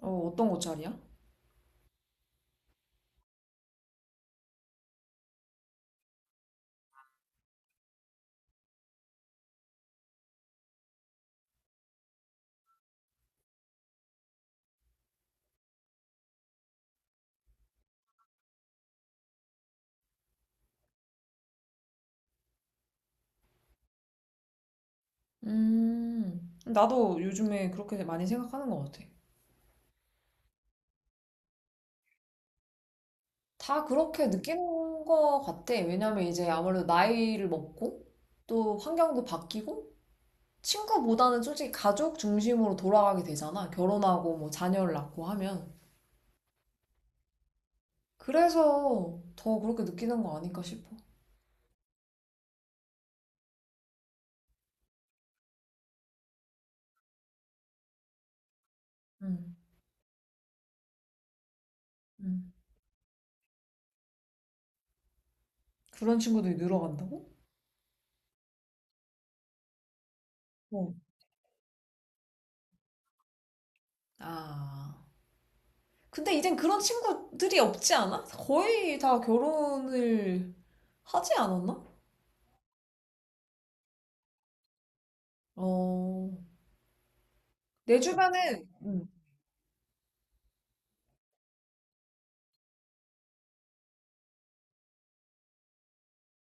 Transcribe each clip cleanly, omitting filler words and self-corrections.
어, 어떤 옷차림이야? 나도 요즘에 그렇게 많이 생각하는 것 같아. 다 그렇게 느끼는 것 같아. 왜냐면 이제 아무래도 나이를 먹고 또 환경도 바뀌고 친구보다는 솔직히 가족 중심으로 돌아가게 되잖아. 결혼하고 뭐 자녀를 낳고 하면. 그래서 더 그렇게 느끼는 거 아닐까 싶어. 음, 음. 그런 친구들이 늘어간다고? 어. 아. 근데 이젠 그런 친구들이 없지 않아? 거의 다 결혼을 하지 않았나? 어, 내 주변은,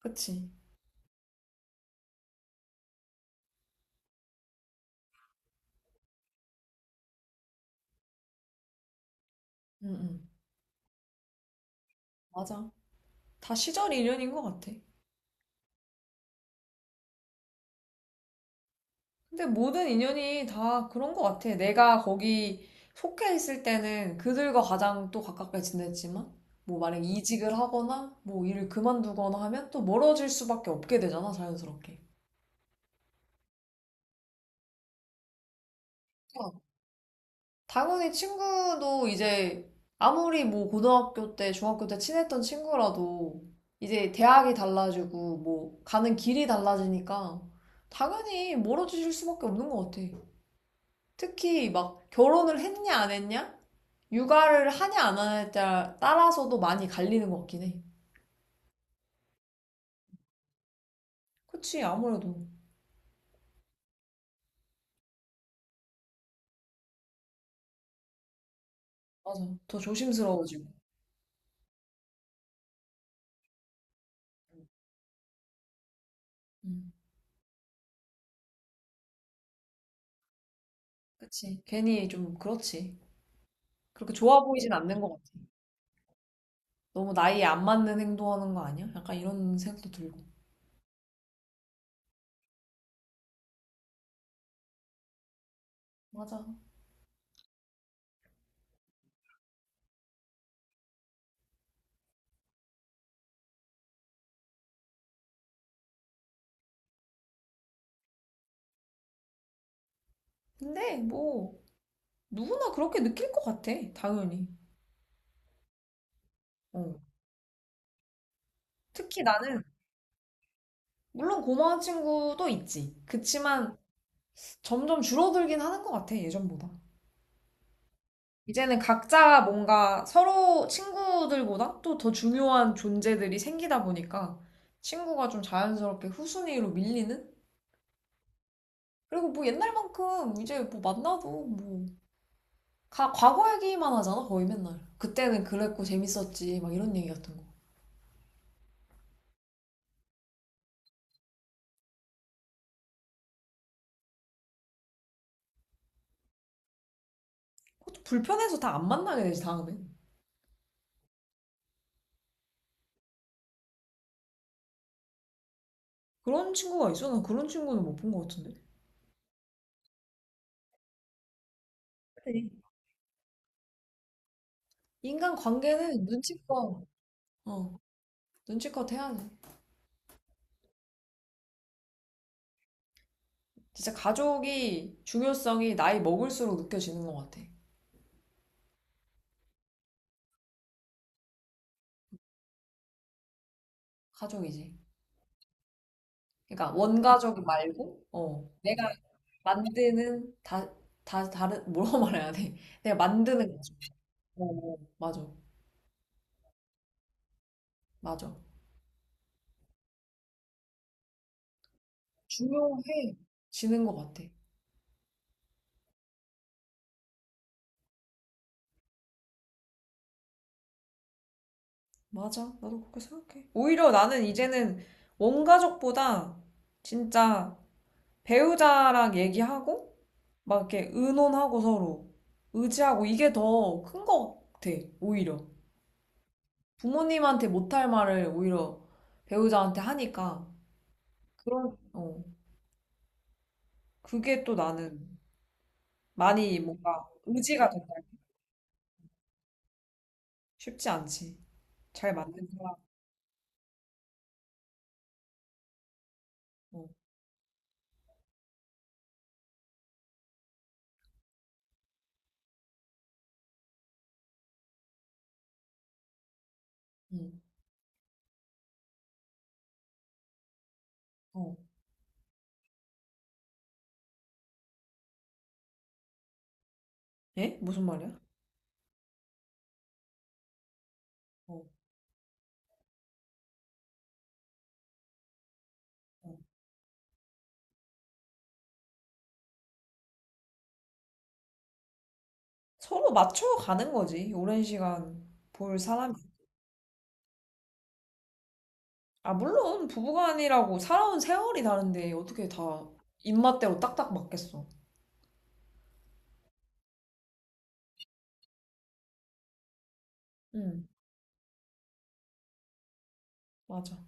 그치. 응, 응. 맞아. 다 시절 인연인 것 같아. 근데 모든 인연이 다 그런 것 같아. 내가 거기 속해 있을 때는 그들과 가장 또 가깝게 지냈지만, 뭐 만약 이직을 하거나, 뭐 일을 그만두거나 하면 또 멀어질 수밖에 없게 되잖아, 자연스럽게. 당연히 친구도 이제 아무리 뭐 고등학교 때, 중학교 때 친했던 친구라도 이제 대학이 달라지고 뭐 가는 길이 달라지니까 당연히 멀어지실 수밖에 없는 것 같아. 특히 막 결혼을 했냐 안 했냐? 육아를 하냐 안 하냐에 따라- 서도 많이 갈리는 것 같긴 해. 그치, 아무래도. 맞아. 더 조심스러워지고. 음, 그치. 괜히 좀 그렇지. 그렇게 좋아 보이진 않는 것 같아. 너무 나이에 안 맞는 행동하는 거 아니야? 약간 이런 생각도 들고. 맞아. 근데 뭐 누구나 그렇게 느낄 것 같아, 당연히. 어. 특히 나는 물론 고마운 친구도 있지. 그치만 점점 줄어들긴 하는 것 같아, 예전보다. 이제는 각자 뭔가 서로 친구들보다 또 더 중요한 존재들이 생기다 보니까 친구가 좀 자연스럽게 후순위로 밀리는? 그리고 뭐 옛날만큼 이제 뭐 만나도 뭐 가- 과거 얘기만 하잖아, 거의 맨날. 그때는 그랬고 재밌었지, 막 이런 얘기 같은 거. 그것도 불편해서 다 안 만나게 되지, 다음에. 그런 친구가 있어? 난 그런 친구는 못 본 것 같은데. 그래. 인간 관계는 눈치껏, 어, 눈치껏 해야 돼. 진짜 가족이 중요성이 나이 먹을수록 느껴지는 것 같아. 가족이지. 그러니까 원가족 말고, 어, 내가 만드는 다, 다 다른 뭐라고 말해야 돼? 내가 만드는 가족. 어, 어, 맞아, 맞아. 중요해지는 것 같아. 맞아. 나도 그렇게 생각해. 오히려 나는 이제는 원 가족보다 진짜 배우자랑 얘기하고 막 이렇게 의논하고 서로 의지하고 이게 더 큰 것 같아. 오히려. 부모님한테 못할 말을 오히려 배우자한테 하니까 그런 어 그게 또 나는 많이 뭔가 의지가 된다. 쉽지 않지. 잘 맞는 사람. 어. 응. 어. 예? 무슨 말이야? 어. 어. 서로 맞춰가는 거지. 오랜 시간 볼 사람이. 아, 물론 부부간이라고 살아온 세월이 다른데 어떻게 다 입맛대로 딱딱 맞겠어. 응, 맞아.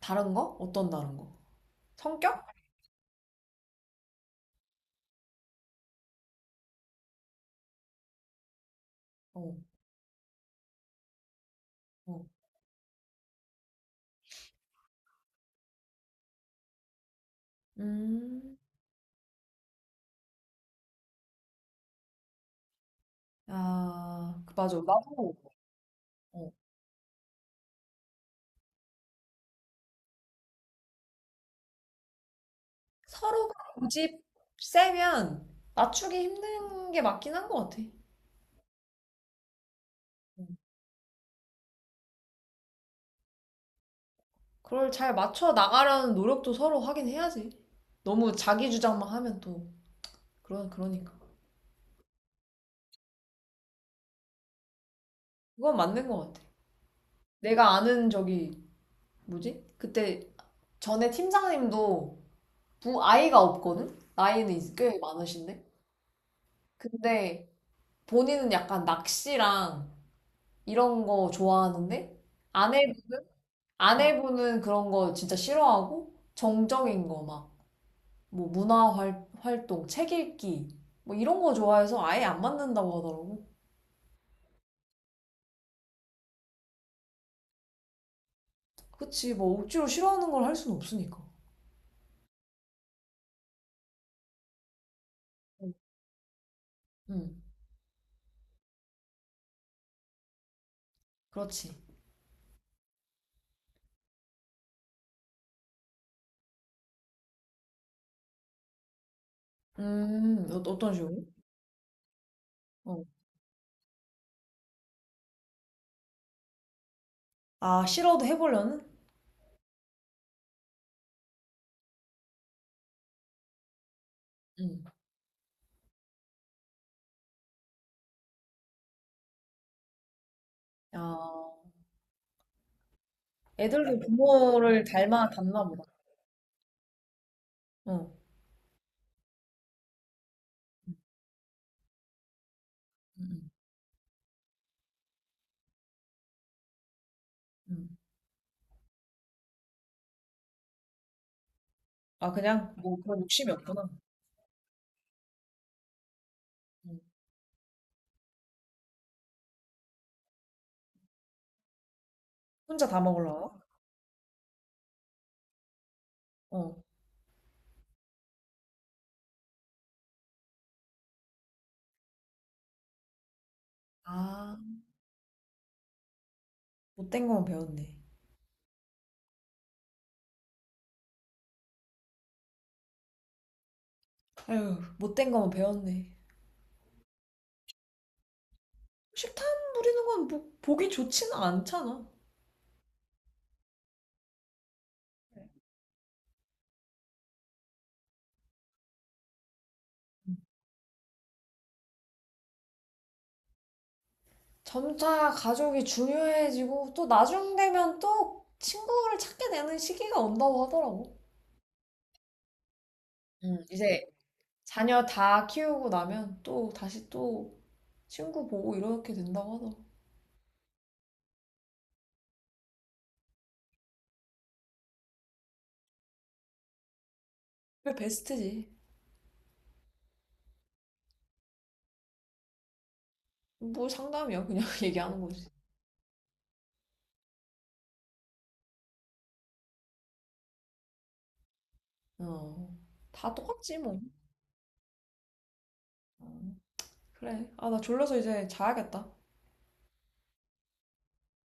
다른 거? 어떤 다른 거? 성격? 어, 어. 음, 아, 그 맞아. 나도 어. 서로가 고집 세면 맞추기 힘든 게 맞긴 한 것 같아. 응. 그걸 잘 맞춰 나가려는 노력도 서로 하긴 해야지. 너무 자기 주장만 하면 또 그런 그러니까. 그건 맞는 것 같아. 내가 아는 저기 뭐지? 그때 전에 팀장님도 부 아이가 없거든. 나이는 꽤 많으신데. 근데 본인은 약간 낚시랑 이런 거 좋아하는데 아내 아내분은 그런 거 진짜 싫어하고 정적인 거 막 뭐 문화 활, 활동, 책 읽기 뭐 이런 거 좋아해서 아예 안 맞는다고 하더라고. 그치 뭐 억지로 싫어하는 걸 할 수는 없으니까. 응, 응, 그렇지. 어- 어떤 식으로? 어. 아, 싫어도 해보려는? 응. 아, 애들도 부모를 닮아, 닮나 보다. 어. 응. 응. 아, 그냥 뭐 그런 욕심이 없구나. 응. 혼자 다 먹으려나? 어. 아, 못된 거만 배웠네. 아유, 못된 거만 배웠네. 식탐 부리는 건 뭐, 보기 좋지는 않잖아. 점차 가족이 중요해지고, 또 나중 되면 또 친구를 찾게 되는 시기가 온다고 하더라고. 응. 이제 자녀 다 키우고 나면 또 다시 또 친구 보고 이렇게 된다고 하더라. 그게 베스트지. 뭐 상담이야. 그냥 얘기하는 거지. 어. 다 똑같지, 뭐. 어, 그래. 아, 나 졸려서 이제 자야겠다.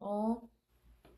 어.